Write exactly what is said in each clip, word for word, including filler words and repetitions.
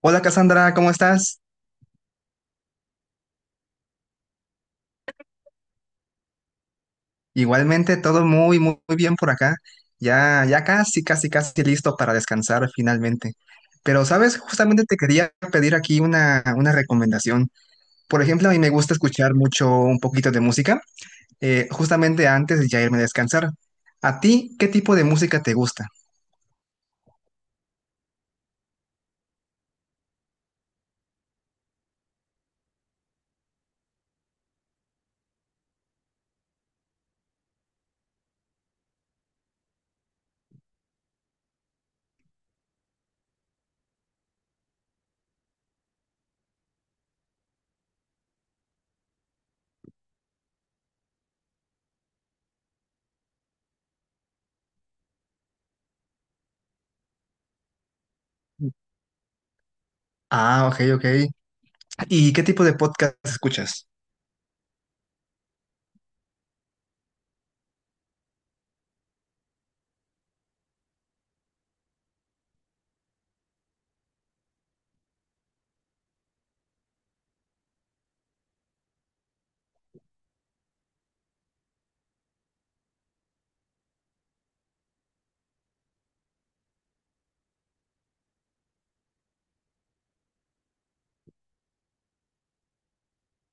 Hola Cassandra, ¿cómo estás? Igualmente, todo muy, muy, muy bien por acá. Ya, ya casi, casi, casi listo para descansar finalmente. Pero, ¿sabes? Justamente te quería pedir aquí una, una recomendación. Por ejemplo, a mí me gusta escuchar mucho un poquito de música. Eh, justamente antes de ya irme a descansar. ¿A ti qué tipo de música te gusta? Ah, ok, ok. ¿Y qué tipo de podcast escuchas?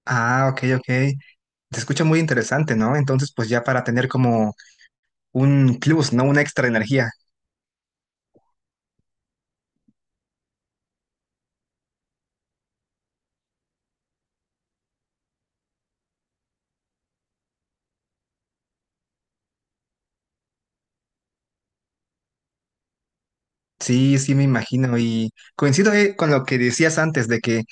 Ah, ok, ok. Se escucha muy interesante, ¿no? Entonces, pues ya para tener como un plus, ¿no? Una extra energía. Sí, sí, me imagino. Y coincido eh, con lo que decías antes de que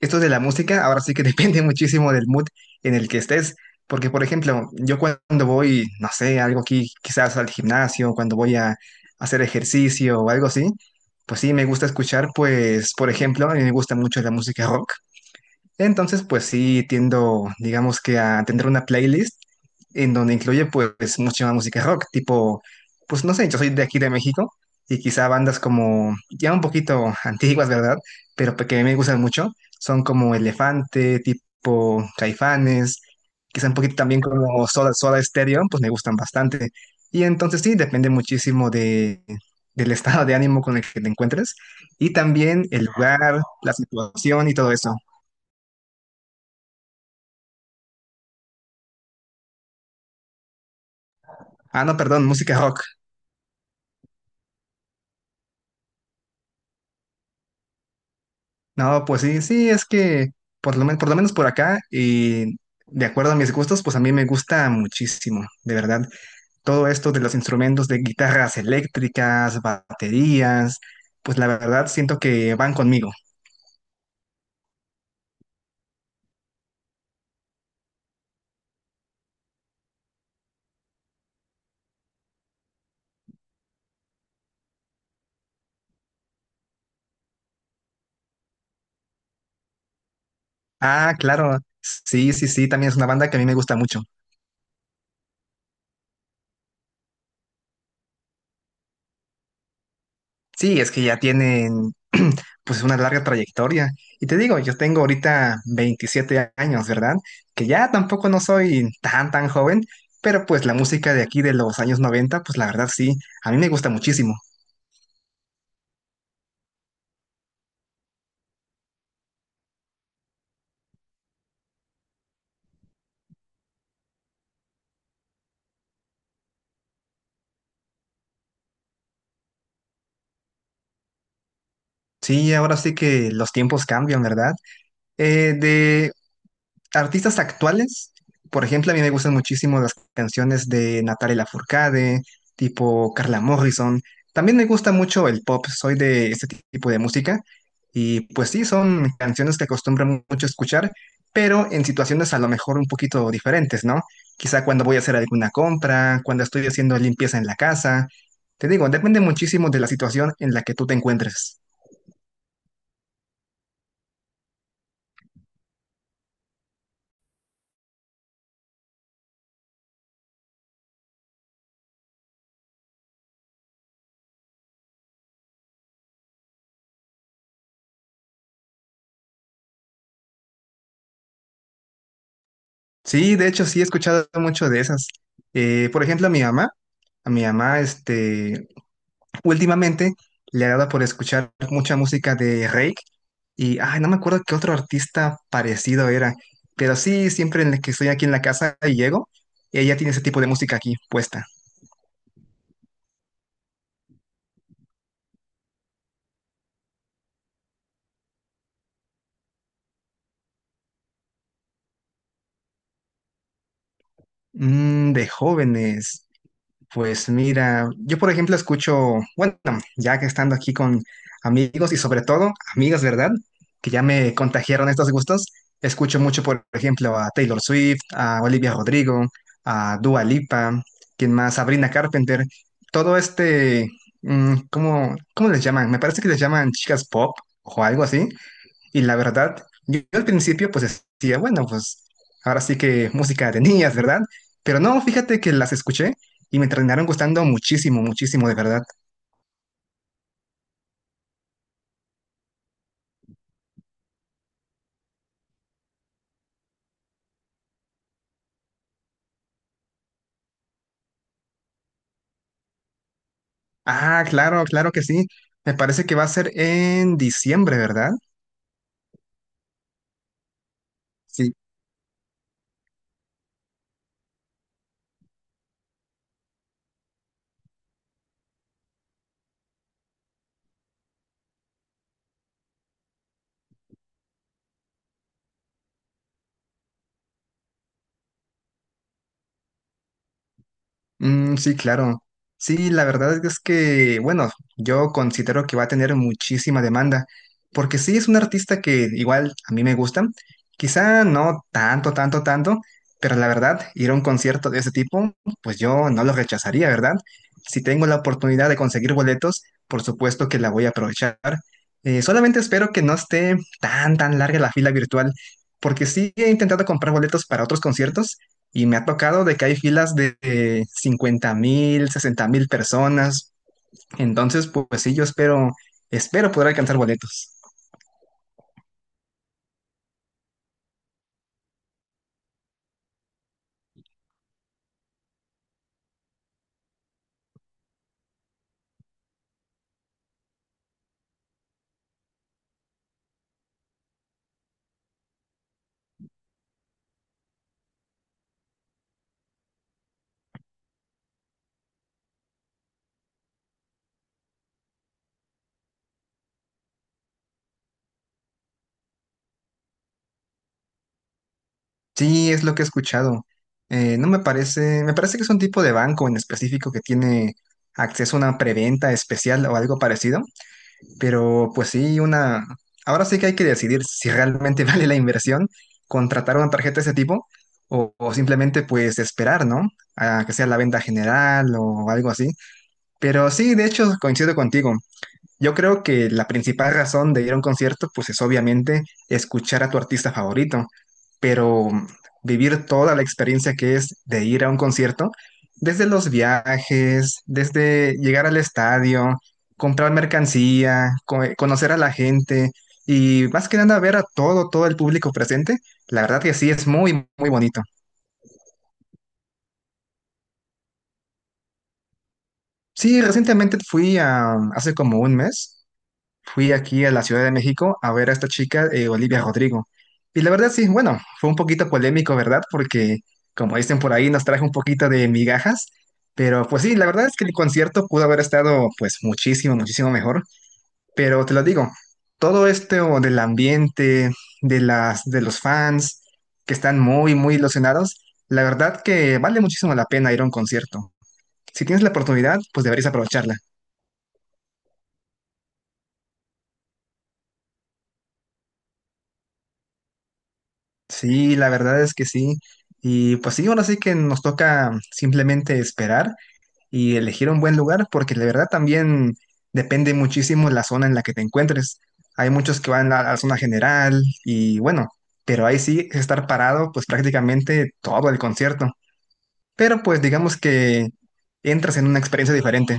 esto de la música ahora sí que depende muchísimo del mood en el que estés. Porque, por ejemplo, yo cuando voy, no sé, algo aquí, quizás al gimnasio, cuando voy a hacer ejercicio o algo así, pues sí, me gusta escuchar, pues, por ejemplo, a mí me gusta mucho la música rock. Entonces, pues sí, tiendo, digamos que a tener una playlist en donde incluye pues mucha música rock, tipo, pues no sé, yo soy de aquí de México y quizá bandas como ya un poquito antiguas, ¿verdad? Pero que me gustan mucho, son como Elefante, tipo Caifanes, quizá un poquito también como Soda, Soda Stereo, pues me gustan bastante. Y entonces sí, depende muchísimo de, del estado de ánimo con el que te encuentres y también el lugar, la situación y todo eso. Ah, no, perdón, música rock. No, pues sí, sí, es que por lo, men- por lo menos por acá y de acuerdo a mis gustos, pues a mí me gusta muchísimo, de verdad. Todo esto de los instrumentos de guitarras eléctricas, baterías, pues la verdad siento que van conmigo. Ah, claro, sí, sí, sí, también es una banda que a mí me gusta mucho. Sí, es que ya tienen pues una larga trayectoria. Y te digo, yo tengo ahorita veintisiete años, ¿verdad? Que ya tampoco no soy tan, tan joven, pero pues la música de aquí de los años noventa, pues la verdad sí, a mí me gusta muchísimo. Sí, ahora sí que los tiempos cambian, ¿verdad? Eh, de Artistas actuales, por ejemplo, a mí me gustan muchísimo las canciones de Natalia Lafourcade, tipo Carla Morrison. También me gusta mucho el pop, soy de este tipo de música. Y pues sí, son canciones que acostumbro mucho a escuchar, pero en situaciones a lo mejor un poquito diferentes, ¿no? Quizá cuando voy a hacer alguna compra, cuando estoy haciendo limpieza en la casa. Te digo, depende muchísimo de la situación en la que tú te encuentres. Sí, de hecho sí he escuchado mucho de esas. Eh, por ejemplo, a mi mamá, a mi mamá, este, últimamente le ha dado por escuchar mucha música de Rake y, ay, no me acuerdo qué otro artista parecido era, pero sí, siempre en el que estoy aquí en la casa y llego, ella tiene ese tipo de música aquí puesta. Mm, de jóvenes, pues mira, yo por ejemplo escucho, bueno, ya que estando aquí con amigos y sobre todo amigas, ¿verdad? Que ya me contagiaron estos gustos, escucho mucho por ejemplo a Taylor Swift, a Olivia Rodrigo, a Dua Lipa, quien más, Sabrina Carpenter, todo este, mm, ¿cómo, cómo les llaman? Me parece que les llaman chicas pop o algo así. Y la verdad, yo, yo al principio pues decía, bueno, pues ahora sí que música de niñas, ¿verdad? Pero no, fíjate que las escuché y me terminaron gustando muchísimo, muchísimo, de verdad. Ah, claro, claro que sí. Me parece que va a ser en diciembre, ¿verdad? Sí, mm, sí, claro. Sí, la verdad es que, bueno, yo considero que va a tener muchísima demanda, porque sí es un artista que igual a mí me gusta, quizá no tanto, tanto, tanto, pero la verdad, ir a un concierto de ese tipo, pues yo no lo rechazaría, ¿verdad? Si tengo la oportunidad de conseguir boletos, por supuesto que la voy a aprovechar. Eh, solamente espero que no esté tan, tan larga la fila virtual, porque sí he intentado comprar boletos para otros conciertos. Y me ha tocado de que hay filas de eh, cincuenta mil, sesenta mil personas. Entonces, pu- pues sí, yo espero, espero poder alcanzar boletos. Sí, es lo que he escuchado. Eh, no me parece, me parece que es un tipo de banco en específico que tiene acceso a una preventa especial o algo parecido. Pero pues sí, una, ahora sí que hay que decidir si realmente vale la inversión contratar una tarjeta de ese tipo o, o simplemente pues esperar, ¿no? A que sea la venta general o algo así. Pero sí, de hecho, coincido contigo. Yo creo que la principal razón de ir a un concierto, pues es obviamente escuchar a tu artista favorito, pero vivir toda la experiencia que es de ir a un concierto, desde los viajes, desde llegar al estadio, comprar mercancía, co- conocer a la gente y más que nada ver a todo, todo el público presente, la verdad que sí es muy, muy bonito. Sí, recientemente fui a, hace como un mes. Fui aquí a la Ciudad de México a ver a esta chica, eh, Olivia Rodrigo. Y la verdad sí, bueno, fue un poquito polémico, ¿verdad? Porque, como dicen por ahí, nos trajo un poquito de migajas. Pero pues sí, la verdad es que el concierto pudo haber estado pues muchísimo, muchísimo mejor. Pero te lo digo, todo esto del ambiente, de las, de los fans que están muy, muy ilusionados, la verdad que vale muchísimo la pena ir a un concierto. Si tienes la oportunidad, pues deberías aprovecharla. Sí, la verdad es que sí. Y pues sí, ahora sí que nos toca simplemente esperar y elegir un buen lugar, porque la verdad también depende muchísimo la zona en la que te encuentres. Hay muchos que van a la zona general y bueno, pero ahí sí es estar parado pues prácticamente todo el concierto. Pero pues digamos que entras en una experiencia diferente.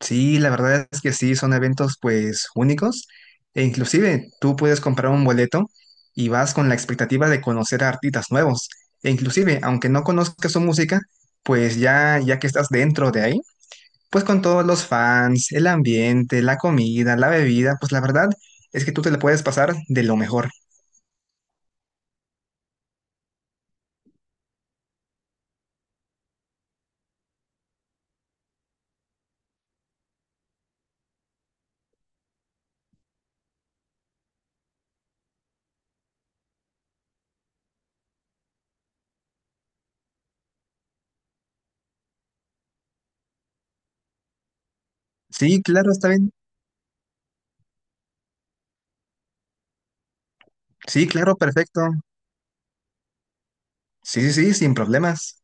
Sí, la verdad es que sí, son eventos pues únicos e inclusive tú puedes comprar un boleto y vas con la expectativa de conocer a artistas nuevos e inclusive aunque no conozcas su música, pues ya ya que estás dentro de ahí, pues con todos los fans, el ambiente, la comida, la bebida, pues la verdad es que tú te la puedes pasar de lo mejor. Sí, claro, está bien. Sí, claro, perfecto. Sí, sí, sí, sin problemas.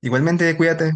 Igualmente, cuídate.